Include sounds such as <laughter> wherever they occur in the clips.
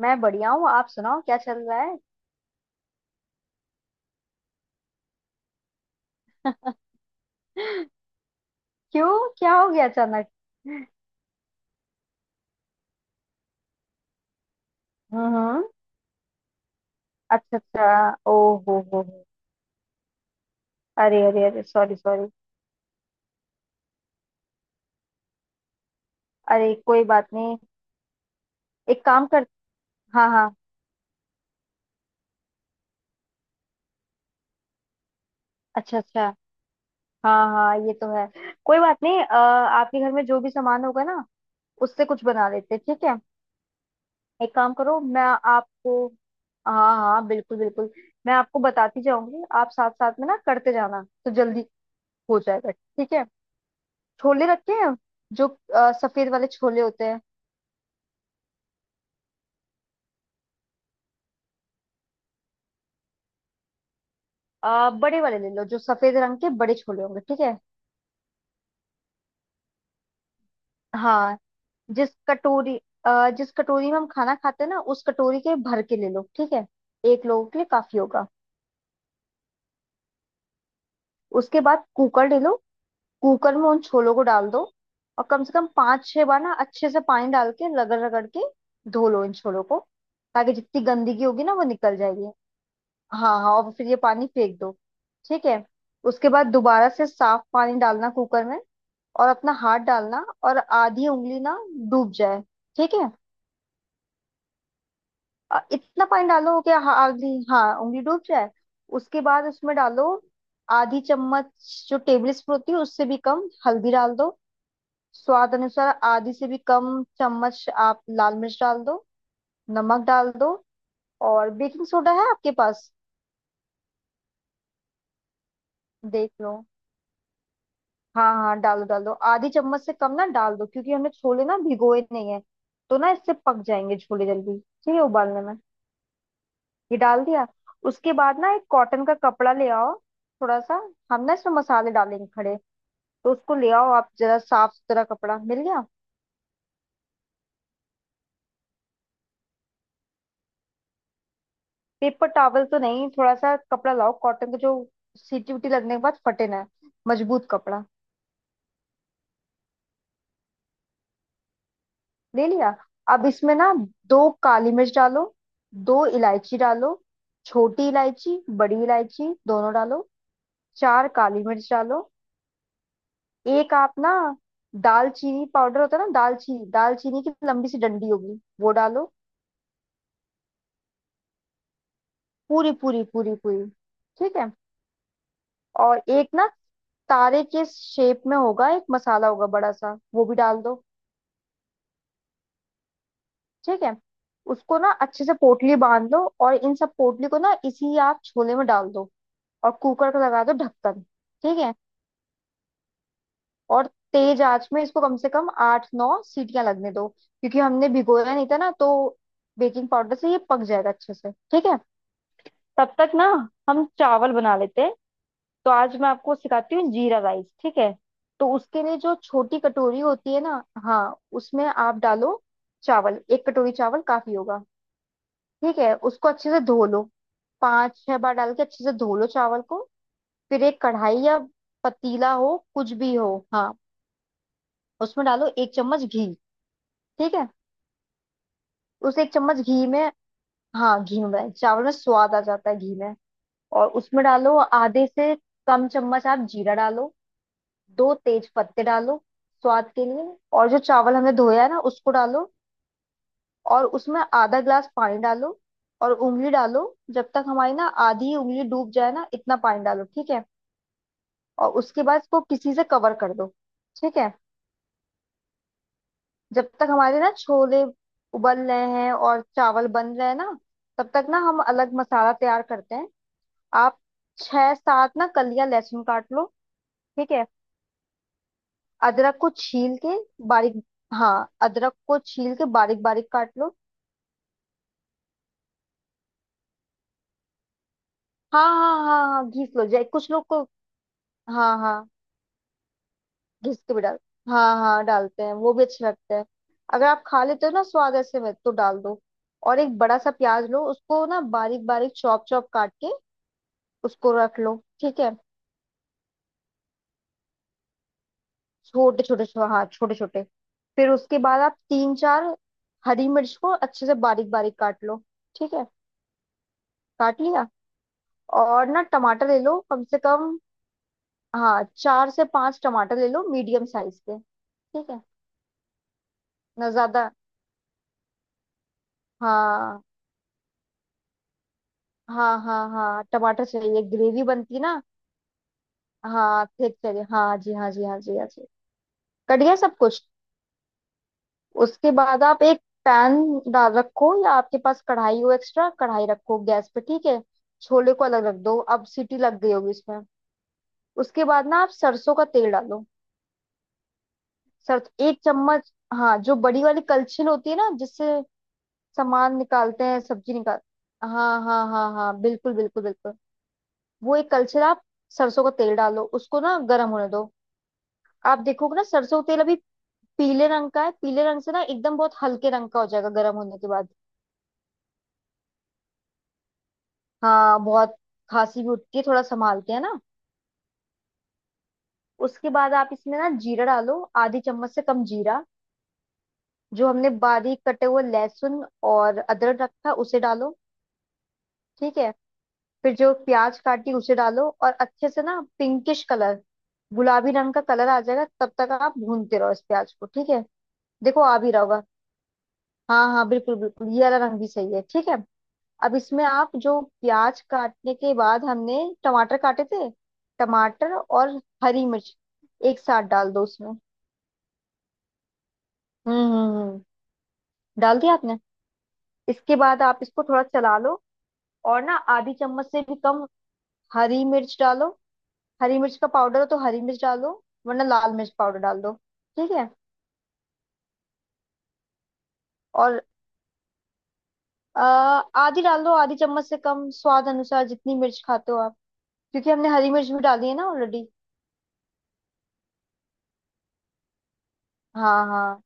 मैं बढ़िया हूँ। आप सुनाओ क्या चल रहा है? <laughs> क्यों क्या हो गया अचानक? हम्म हम्म, अच्छा अच्छा। ओ हो, अरे अरे अरे, सॉरी सॉरी। अरे कोई बात नहीं, एक काम कर। हाँ हाँ, अच्छा अच्छा। हाँ हाँ, ये तो है। कोई बात नहीं, आपके घर में जो भी सामान होगा ना, उससे कुछ बना लेते हैं, ठीक है। एक काम करो, मैं आपको, हाँ हाँ बिल्कुल बिल्कुल, मैं आपको बताती जाऊंगी, आप साथ साथ में ना करते जाना तो जल्दी हो जाएगा, ठीक है। छोले रखे हैं, जो सफेद वाले छोले होते हैं। बड़े वाले ले लो, जो सफेद रंग के बड़े छोले होंगे, ठीक है। हाँ, जिस कटोरी, जिस कटोरी में हम खाना खाते हैं ना, उस कटोरी के भर के ले लो, ठीक है। एक लोगों के लिए काफी होगा। उसके बाद कुकर ले लो। कुकर में उन छोलों को डाल दो और कम से कम 5 6 बार ना अच्छे से पानी डाल के, रगड़ रगड़ के धो लो इन छोलों को, ताकि जितनी गंदगी होगी ना वो निकल जाएगी। हाँ हाँ, और फिर ये पानी फेंक दो, ठीक है। उसके बाद दोबारा से साफ पानी डालना कुकर में, और अपना हाथ डालना, और आधी उंगली ना डूब जाए, ठीक है। इतना पानी डालो कि आधी हाँ उंगली डूब जाए। उसके बाद उसमें डालो आधी चम्मच, जो टेबल स्पून होती है उससे भी कम, हल्दी डाल दो। स्वाद अनुसार आधी से भी कम चम्मच आप लाल मिर्च डाल दो। नमक डाल दो। और बेकिंग सोडा है आपके पास? देख लो। हाँ हाँ, डालो डालो, आधी चम्मच से कम ना डाल दो, क्योंकि हमने छोले ना भिगोए नहीं है तो ना इससे पक जाएंगे छोले जल्दी, ठीक है, उबालने में। ये डाल दिया। उसके बाद ना एक कॉटन का कपड़ा ले आओ, थोड़ा सा। हम ना इसमें मसाले डालेंगे खड़े, तो उसको ले आओ। आप जरा साफ सुथरा कपड़ा मिल गया? पेपर टॉवल तो नहीं, थोड़ा सा कपड़ा लाओ कॉटन का, जो सीटी उटी लगने के बाद फटे ना, मजबूत कपड़ा। ले लिया। अब इसमें ना 2 काली मिर्च डालो, 2 इलायची डालो, छोटी इलायची बड़ी इलायची दोनों डालो, 4 काली मिर्च डालो। एक आप ना, दालचीनी पाउडर होता है ना, दालचीनी, दालचीनी की लंबी सी डंडी होगी, वो डालो। पूरी पूरी पूरी पूरी, ठीक है। और एक ना तारे के शेप में होगा, एक मसाला होगा बड़ा सा, वो भी डाल दो, ठीक है। उसको ना अच्छे से पोटली बांध लो, और इन सब पोटली को ना इसी आप छोले में डाल दो, और कुकर का लगा दो ढक्कन, ठीक है। और तेज आंच में इसको कम से कम 8 9 सीटियां लगने दो, क्योंकि हमने भिगोया नहीं था ना, तो बेकिंग पाउडर से ये पक जाएगा अच्छे से, ठीक है। तब तक ना हम चावल बना लेते हैं। तो आज मैं आपको सिखाती हूँ जीरा राइस, ठीक है। तो उसके लिए जो छोटी कटोरी होती है ना। हाँ, उसमें आप डालो चावल, 1 कटोरी चावल काफी होगा, ठीक है। उसको अच्छे से धो लो, 5 6 बार डाल के अच्छे से धो लो चावल को। फिर एक कढ़ाई या पतीला हो कुछ भी हो। हाँ, उसमें डालो 1 चम्मच घी, ठीक है। उस एक चम्मच घी में, हाँ घी में बनाए चावल में स्वाद आ जाता है घी में। और उसमें डालो आधे से कम चम्मच आप जीरा डालो, 2 तेज पत्ते डालो स्वाद के लिए। और जो चावल हमने धोया है ना उसको डालो, और उसमें आधा ग्लास पानी डालो, और उंगली डालो, जब तक हमारी ना आधी उंगली डूब जाए ना, इतना पानी डालो, ठीक है। और उसके बाद इसको किसी से कवर कर दो, ठीक है। जब तक हमारे ना छोले उबल रहे हैं और चावल बन रहे हैं ना, तब तक ना हम अलग मसाला तैयार करते हैं। आप 6 7 ना कलियां लहसुन काट लो, ठीक है। अदरक को छील के बारीक, हाँ अदरक को छील के बारीक बारीक काट लो। हाँ हाँ हाँ हाँ, घिस लो, जाए कुछ लोग को। हाँ हाँ, घिस के भी डाल, हाँ हाँ डालते हैं, वो भी अच्छे लगते हैं। अगर आप खा लेते हो ना स्वाद ऐसे में, तो डाल दो। और एक बड़ा सा प्याज लो, उसको ना बारीक बारीक चॉप चॉप काट के उसको रख लो, ठीक है। छोटे छोटे हाँ, छोटे छोटे। फिर उसके बाद आप 3 4 हरी मिर्च को अच्छे से बारीक बारीक काट लो, ठीक है। काट लिया। और ना टमाटर ले लो कम से कम, हाँ 4 से 5 टमाटर ले लो, मीडियम साइज के, ठीक है। ना ज्यादा। हाँ हाँ हाँ हाँ, टमाटर चाहिए, ग्रेवी बनती ना। हाँ, ठीक चाहिए, हाँ जी हाँ जी हाँ जी हाँ जी। कट गया सब कुछ। उसके बाद आप एक पैन डाल रखो, या आपके पास कढ़ाई हो, एक्स्ट्रा कढ़ाई रखो गैस पे, ठीक है। छोले को अलग रख दो, अब सीटी लग गई होगी इसमें। उसके बाद ना आप सरसों का तेल डालो, सर, एक चम्मच। हाँ जो बड़ी वाली कलछिल होती है ना, जिससे सामान निकालते हैं, सब्जी निकाल, हाँ हाँ हाँ हाँ बिल्कुल बिल्कुल बिल्कुल। वो एक कलछिल आप, सरसों का तेल डालो, उसको ना गर्म होने दो। आप देखोगे ना सरसों का तेल अभी पीले रंग का है, पीले रंग से ना एकदम बहुत हल्के रंग का हो जाएगा गर्म होने के बाद। हाँ बहुत, खांसी भी उठती है, थोड़ा संभालते हैं ना। उसके बाद आप इसमें ना जीरा डालो, आधी चम्मच से कम जीरा। जो हमने बारीक कटे हुए लहसुन और अदरक रखा है, उसे डालो, ठीक है। फिर जो प्याज काटी उसे डालो, और अच्छे से ना पिंकिश कलर, गुलाबी रंग का कलर आ जाएगा तब तक आप भूनते रहो इस प्याज को, ठीक है। देखो आ भी रहा होगा, हाँ हाँ बिल्कुल बिल्कुल, ये वाला रंग भी सही है, ठीक है। अब इसमें आप जो प्याज काटने के बाद हमने टमाटर काटे थे, टमाटर और हरी मिर्च एक साथ डाल दो उसमें। हम्म हम्म हम्म, डाल दिया आपने। इसके बाद आप इसको थोड़ा चला लो, और ना आधी चम्मच से भी कम हरी मिर्च डालो, हरी मिर्च का पाउडर हो तो हरी मिर्च डालो, वरना लाल मिर्च पाउडर डाल दो, ठीक है। और अ, आधी डाल दो, आधी चम्मच से कम, स्वाद अनुसार जितनी मिर्च खाते हो आप, क्योंकि हमने हरी मिर्च भी डाली है ना ऑलरेडी। हाँ हाँ,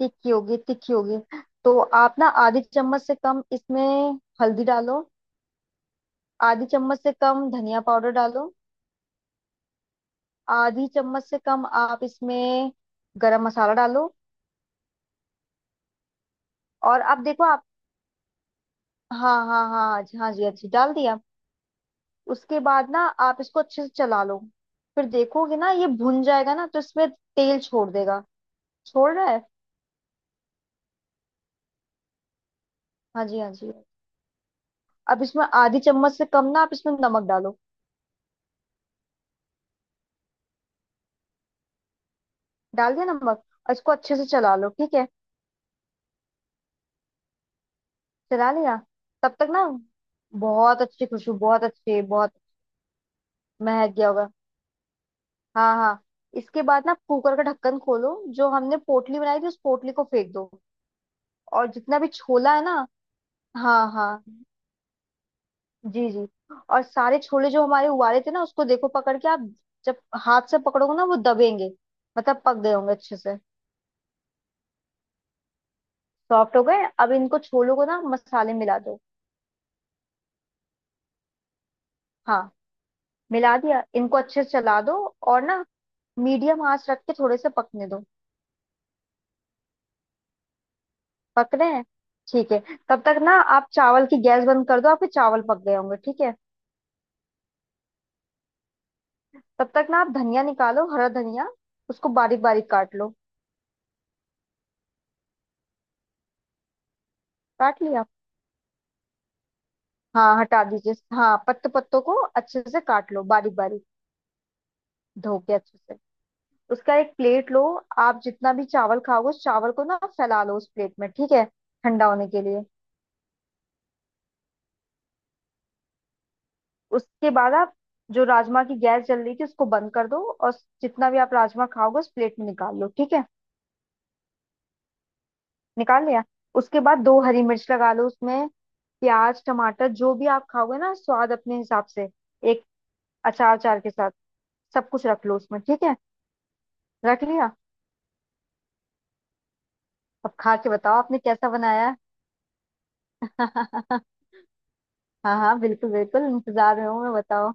तिक्की होगी तिक्की होगी। तो आप ना आधी चम्मच से कम इसमें हल्दी डालो। आधी चम्मच से कम धनिया पाउडर डालो। आधी चम्मच से कम आप इसमें गरम मसाला डालो। और आप देखो आप, हाँ हाँ हाँ हाँ जी हाँ जी, अच्छी डाल दिया। उसके बाद ना आप इसको अच्छे से चला लो, फिर देखोगे ना ये भुन जाएगा ना, तो इसमें तेल छोड़ देगा। छोड़ रहा है, हाँ जी हाँ जी। अब इसमें आधी चम्मच से कम ना आप इसमें नमक डालो। डाल दिया नमक, और इसको अच्छे से चला लो, ठीक है। चला लिया, तब तक ना, बहुत अच्छी खुशबू, बहुत अच्छी, बहुत। महक गया होगा, हाँ हाँ। इसके बाद ना कुकर का ढक्कन खोलो, जो हमने पोटली बनाई थी उस पोटली को फेंक दो, और जितना भी छोला है ना, हाँ हाँ, जी जी। और सारे छोले जो हमारे उबाले थे ना, उसको देखो पकड़ के आप, जब हाथ से पकड़ोगे ना वो दबेंगे, मतलब पक गए होंगे अच्छे से। सॉफ्ट हो गए, अब इनको छोलों को ना मसाले मिला दो। हाँ, मिला दिया इनको अच्छे से चला दो, और ना मीडियम आंच रख के थोड़े से पकने दो, पकने हैं, ठीक है। तब तक ना आप चावल की गैस बंद कर दो, आपके चावल पक गए होंगे, ठीक है। तब तक ना आप धनिया निकालो, हरा धनिया, उसको बारीक बारीक काट लो। काट लिया, हाँ हटा दीजिए, हाँ पत्ते पत्तों को अच्छे से काट लो बारीक बारीक, धो के अच्छे से। उसका एक प्लेट लो, आप जितना भी चावल खाओगे उस चावल को ना फैला लो उस प्लेट में, ठीक है, ठंडा होने के लिए। उसके बाद आप जो राजमा की गैस जल रही थी उसको बंद कर दो, और जितना भी आप राजमा खाओगे उस प्लेट में निकाल लो, ठीक है। निकाल लिया, उसके बाद 2 हरी मिर्च लगा लो उसमें, प्याज टमाटर जो भी आप खाओगे ना स्वाद अपने हिसाब से, एक अचार, अचार के साथ सब कुछ रख लो उसमें, ठीक है। रख लिया, अब खा के बताओ आपने कैसा बनाया है। <laughs> हाँ हाँ बिल्कुल बिल्कुल, इंतजार में हूँ मैं, बताओ।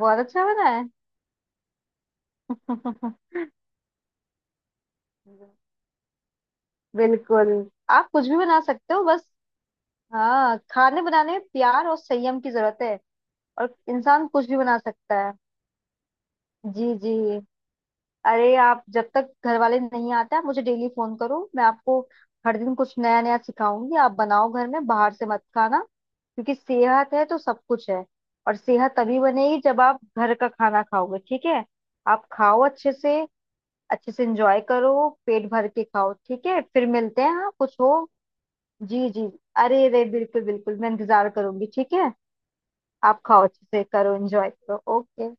बहुत अच्छा बना है। <laughs> बिल्कुल, आप कुछ भी बना सकते हो, बस, हाँ, खाने बनाने में प्यार और संयम की जरूरत है, और इंसान कुछ भी बना सकता है। जी जी, अरे आप जब तक घर वाले नहीं आते आप मुझे डेली फोन करो, मैं आपको हर दिन कुछ नया नया सिखाऊंगी, आप बनाओ घर में, बाहर से मत खाना, क्योंकि सेहत है तो सब कुछ है। और सेहत तभी बनेगी जब आप घर का खाना खाओगे, ठीक है। आप खाओ अच्छे से, अच्छे से एंजॉय करो, पेट भर के खाओ, ठीक है, फिर मिलते हैं, हाँ कुछ हो। जी जी, अरे अरे बिल्कुल बिल्कुल, मैं इंतजार करूंगी, ठीक है। आप खाओ, अच्छे से करो, एंजॉय करो, ओके।